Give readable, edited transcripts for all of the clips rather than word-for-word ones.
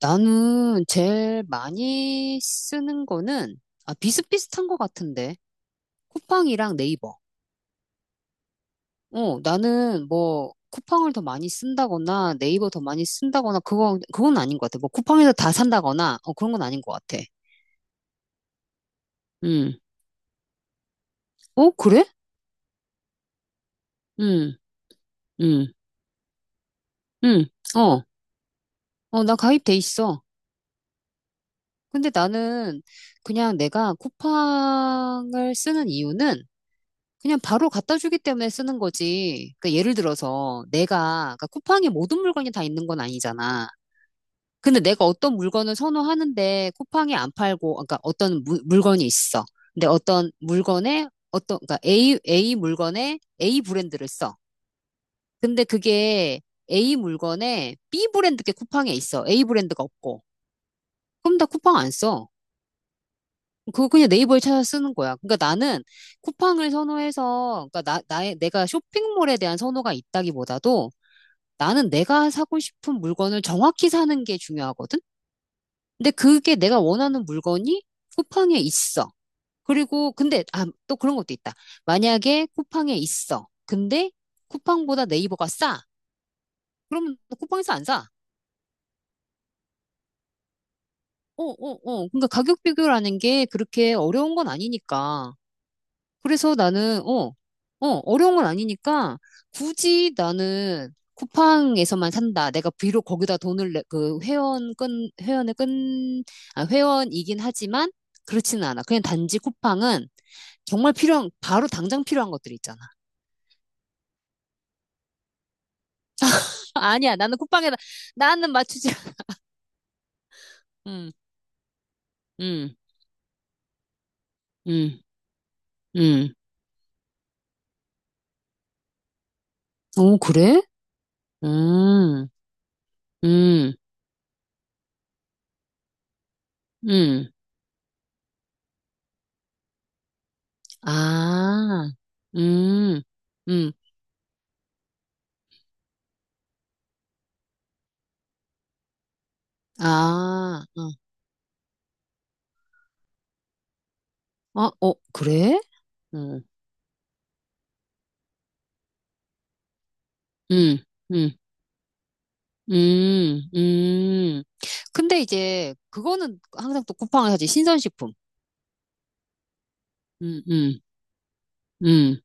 나는 제일 많이 쓰는 거는 비슷비슷한 것 같은데 쿠팡이랑 네이버. 나는 뭐 쿠팡을 더 많이 쓴다거나 네이버 더 많이 쓴다거나 그거 그건 아닌 것 같아. 뭐 쿠팡에서 다 산다거나 그런 건 아닌 것 같아. 음. 어, 그래? 음. 음. 음. 어. 나 가입돼 있어. 근데 나는 그냥 내가 쿠팡을 쓰는 이유는 그냥 바로 갖다 주기 때문에 쓰는 거지. 그러니까 예를 들어서 내가 그러니까 쿠팡에 모든 물건이 다 있는 건 아니잖아. 근데 내가 어떤 물건을 선호하는데 쿠팡에 안 팔고 그러니까 물건이 있어. 근데 어떤 물건에 어떤 그러니까 A 물건에 A 브랜드를 써. 근데 그게 A 물건에 B 브랜드 게 쿠팡에 있어. A 브랜드가 없고. 그럼 나 쿠팡 안 써. 그거 그냥 네이버에 찾아 쓰는 거야. 그러니까 나는 쿠팡을 선호해서, 그러니까 내가 쇼핑몰에 대한 선호가 있다기보다도 나는 내가 사고 싶은 물건을 정확히 사는 게 중요하거든? 근데 그게 내가 원하는 물건이 쿠팡에 있어. 또 그런 것도 있다. 만약에 쿠팡에 있어. 근데 쿠팡보다 네이버가 싸. 그러면 쿠팡에서 안 사. 어, 어, 어. 그러니까 가격 비교라는 게 그렇게 어려운 건 아니니까. 그래서 나는, 어, 어, 어려운 건 아니니까 굳이 나는 쿠팡에서만 산다. 내가 비록 거기다 돈을 내, 그 회원 끈, 회원의 끈, 아, 회원이긴 하지만 그렇지는 않아. 그냥 단지 쿠팡은 정말 필요한, 바로 당장 필요한 것들이 있잖아. 아니야, 나는 맞추지. 음, 음, 음, 음. 오, 그래? 음, 음, 음. 아, 음, 음. 아, 어. 아, 어, 그래? 음, 음, 음, 음, 음. 근데 이제 그거는 항상 또 쿠팡을 사지, 신선식품. 음, 음, 음.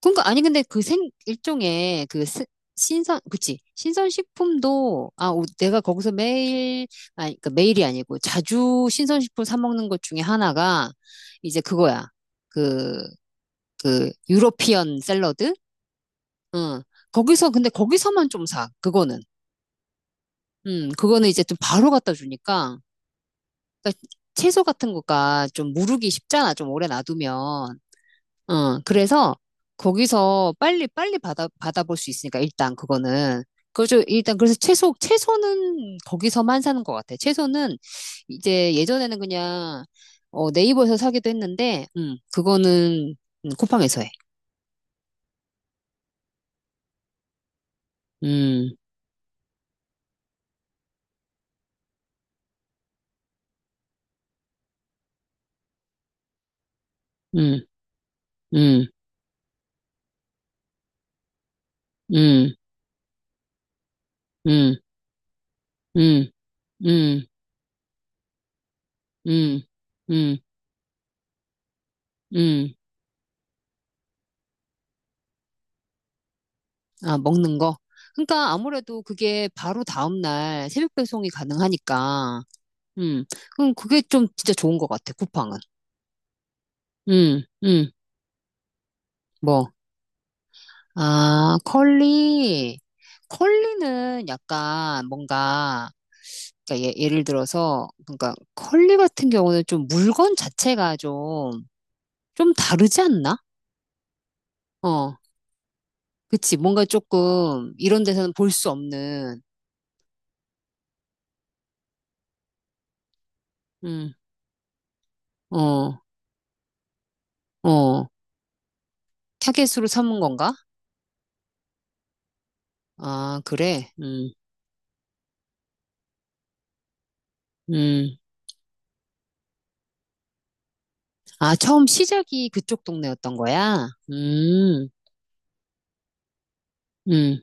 그러니까 아니 근데 그 생 일종의 그 스- 신선, 그치, 신선식품도 내가 거기서 매일 아니 그 매일이 아니고 자주 신선식품 사 먹는 것 중에 하나가 이제 그거야. 그 그 유러피언 샐러드. 응. 거기서만 좀 사. 그거는. 그거는 이제 좀 바로 갖다 주니까. 그러니까 채소 같은 거가 좀 무르기 쉽잖아. 좀 오래 놔두면. 어, 그래서 거기서 빨리 빨리 받아볼 수 있으니까 일단 그거는 그죠. 일단 그래서 채소는 거기서만 사는 것 같아. 채소는 이제 예전에는 그냥 어, 네이버에서 사기도 했는데, 그거는 쿠팡에서 해. 음, 음, 음, 음, 음, 음, 음, 음, 음, 음. 음. 아, 먹는 거? 그러니까 아무래도 그게 바로 다음날 새벽 배송이 가능하니까, 음, 그럼 그게 좀 진짜 좋은 것 같아, 쿠팡은. 음, 음, 뭐, 아, 컬리, 컬리는 약간 뭔가, 예를 들어서, 그러니까 컬리 같은 경우는 좀 물건 자체가 좀, 좀 다르지 않나? 어, 그치, 뭔가 조금 이런 데서는 볼 수 없는, 음, 어, 어, 타겟으로 삼은 건가? 아, 그래? 음. 아, 처음 시작이 그쪽 동네였던 거야? 음,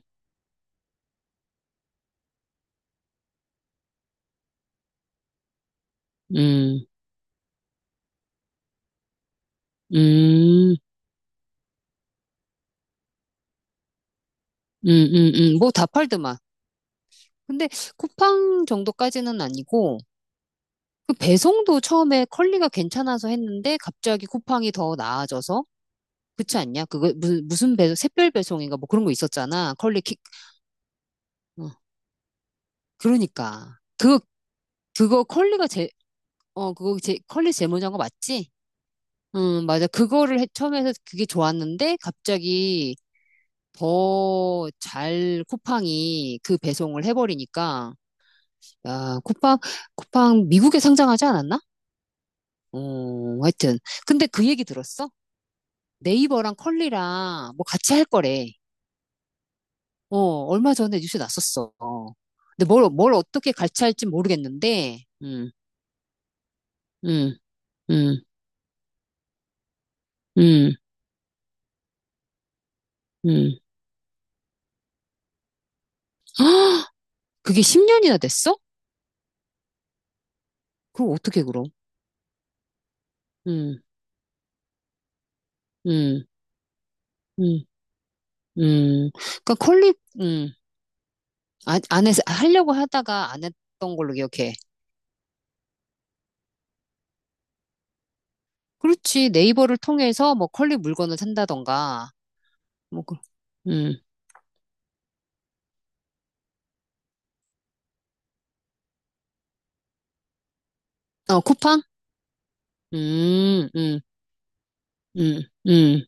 음, 음, 음, 뭐 다 팔더만. 근데 쿠팡 정도까지는 아니고, 그 배송도 처음에 컬리가 괜찮아서 했는데, 갑자기 쿠팡이 더 나아져서? 그렇지 않냐? 무슨 배송, 샛별 배송인가 뭐 그런 거 있었잖아. 컬리 킥, 어, 그러니까. 그거 컬리가 제, 그거 제, 컬리 제모장거 맞지? 맞아. 처음에 해서 그게 좋았는데, 갑자기 더 잘 쿠팡이 그 배송을 해버리니까, 야, 쿠팡, 쿠팡 미국에 상장하지 않았나? 어, 하여튼. 근데 그 얘기 들었어? 네이버랑 컬리랑 뭐 같이 할 거래. 어, 얼마 전에 뉴스 났었어. 근데 뭘 어떻게 같이 할지 모르겠는데, 음, 음, 음, 음. 그게 10년이나 됐어? 그럼 어떻게 그럼? 음, 음. 음. 음, 그러니까 콜리, 음, 안, 안 해서, 하려고 하다가 안 했던 걸로 기억해. 그렇지. 네이버를 통해서 뭐 컬리 물건을 산다던가, 뭐, 그, 음, 어, 쿠팡? 음, 음, 음, 음,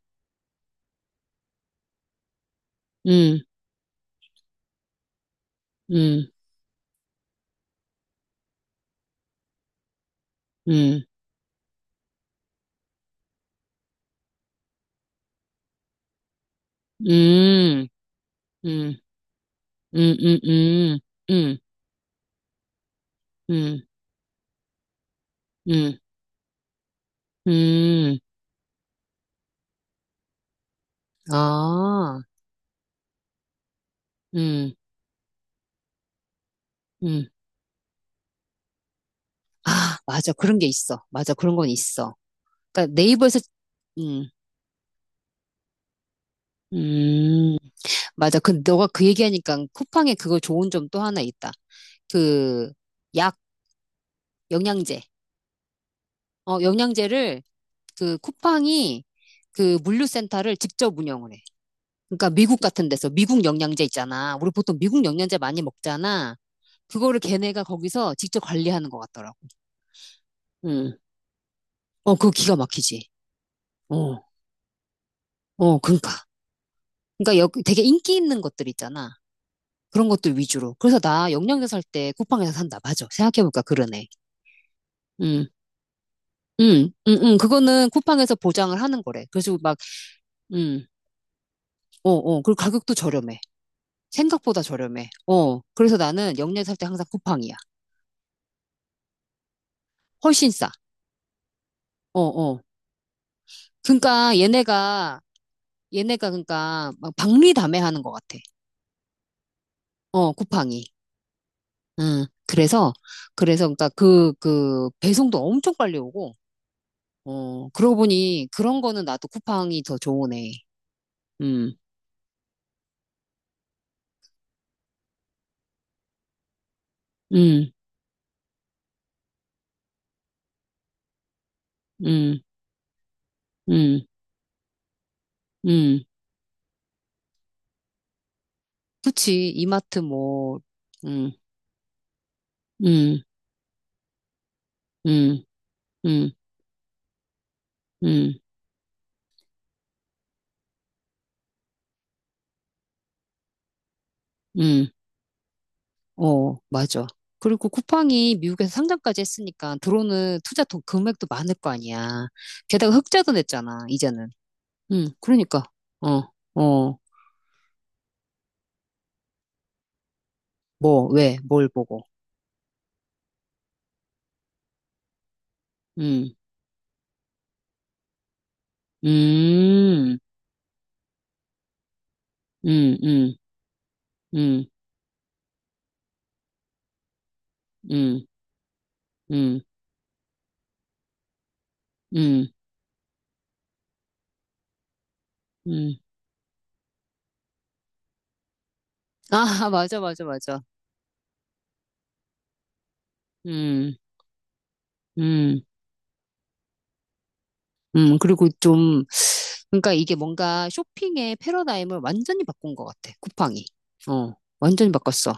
음, 음, 음, 음, 음, 음, 음, 음, 음, 음, 음, 음, 아, 음, 음. 아, 맞아. 그런 게 있어. 맞아. 그런 건 있어. 그러니까 네이버에서, 음, 음. 맞아. 근데 너가 그 얘기하니까 쿠팡에 그거 좋은 점 또 하나 있다. 그 약, 영양제. 어, 영양제를 그 쿠팡이 그 물류센터를 직접 운영을 해. 그러니까 미국 같은 데서 미국 영양제 있잖아. 우리 보통 미국 영양제 많이 먹잖아. 그거를 걔네가 거기서 직접 관리하는 것 같더라고. 응. 어, 그거 기가 막히지. 어, 어, 그러니까. 그러니까 여, 되게 인기 있는 것들 있잖아. 그런 것들 위주로. 그래서 나 영양제 살 때 쿠팡에서 산다. 맞아. 생각해보니까 그러네. 음. 그거는 쿠팡에서 보장을 하는 거래. 그래서 막, 음, 어, 어, 그리고 가격도 저렴해. 생각보다 저렴해. 어, 그래서 나는 영내 살 때 항상 쿠팡이야. 훨씬 싸. 어, 어. 그러니까 얘네가 그러니까 막 박리다매하는 것 같아. 어, 쿠팡이. 음, 그래서, 그래서 그러니까 그 배송도 엄청 빨리 오고, 어, 그러고 보니 그런 거는 나도 쿠팡이 더 좋으네. 음, 음, 음, 음, 음. 그치. 이마트 뭐, 음. 음, 음, 음, 음, 음, 어, 맞아. 그리고 쿠팡이 미국에서 상장까지 했으니까 들어오는 투자 돈 금액도 많을 거 아니야. 게다가 흑자도 냈잖아, 이제는. 그러니까. 어, 어, 뭐, 왜, 뭘 보고. 음, 음, 음, 음, 음, 음, 음, 음, 음. 아, 맞아, 맞아, 맞아. 음, 음. 그리고 좀, 그러니까 이게 뭔가 쇼핑의 패러다임을 완전히 바꾼 것 같아, 쿠팡이. 어, 완전히 바꿨어.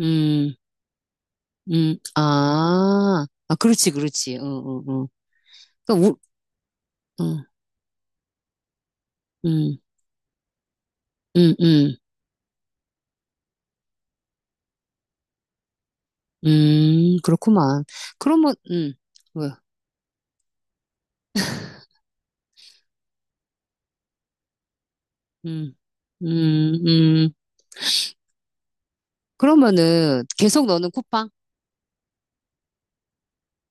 음, 아, 아, 그렇지, 그렇지. 응, 응, 응. 그러니까 우, 응, 응, 응, 응, 그렇구만. 그러면, 응. 왜, 응, 응. 응, 그러면은 계속 너는 쿠팡?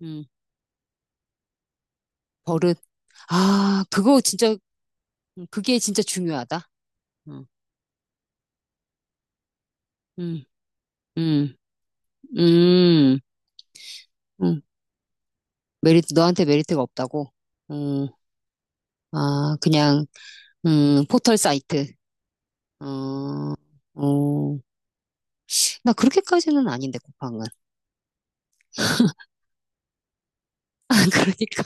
응, 버릇. 아, 그거 진짜, 그게 진짜 중요하다. 응, 응, 응, 응. 메리트, 너한테 메리트가 없다고? 음, 아, 그냥, 포털 사이트. 어, 어, 나 그렇게까지는 아닌데, 쿠팡은. 그러니까.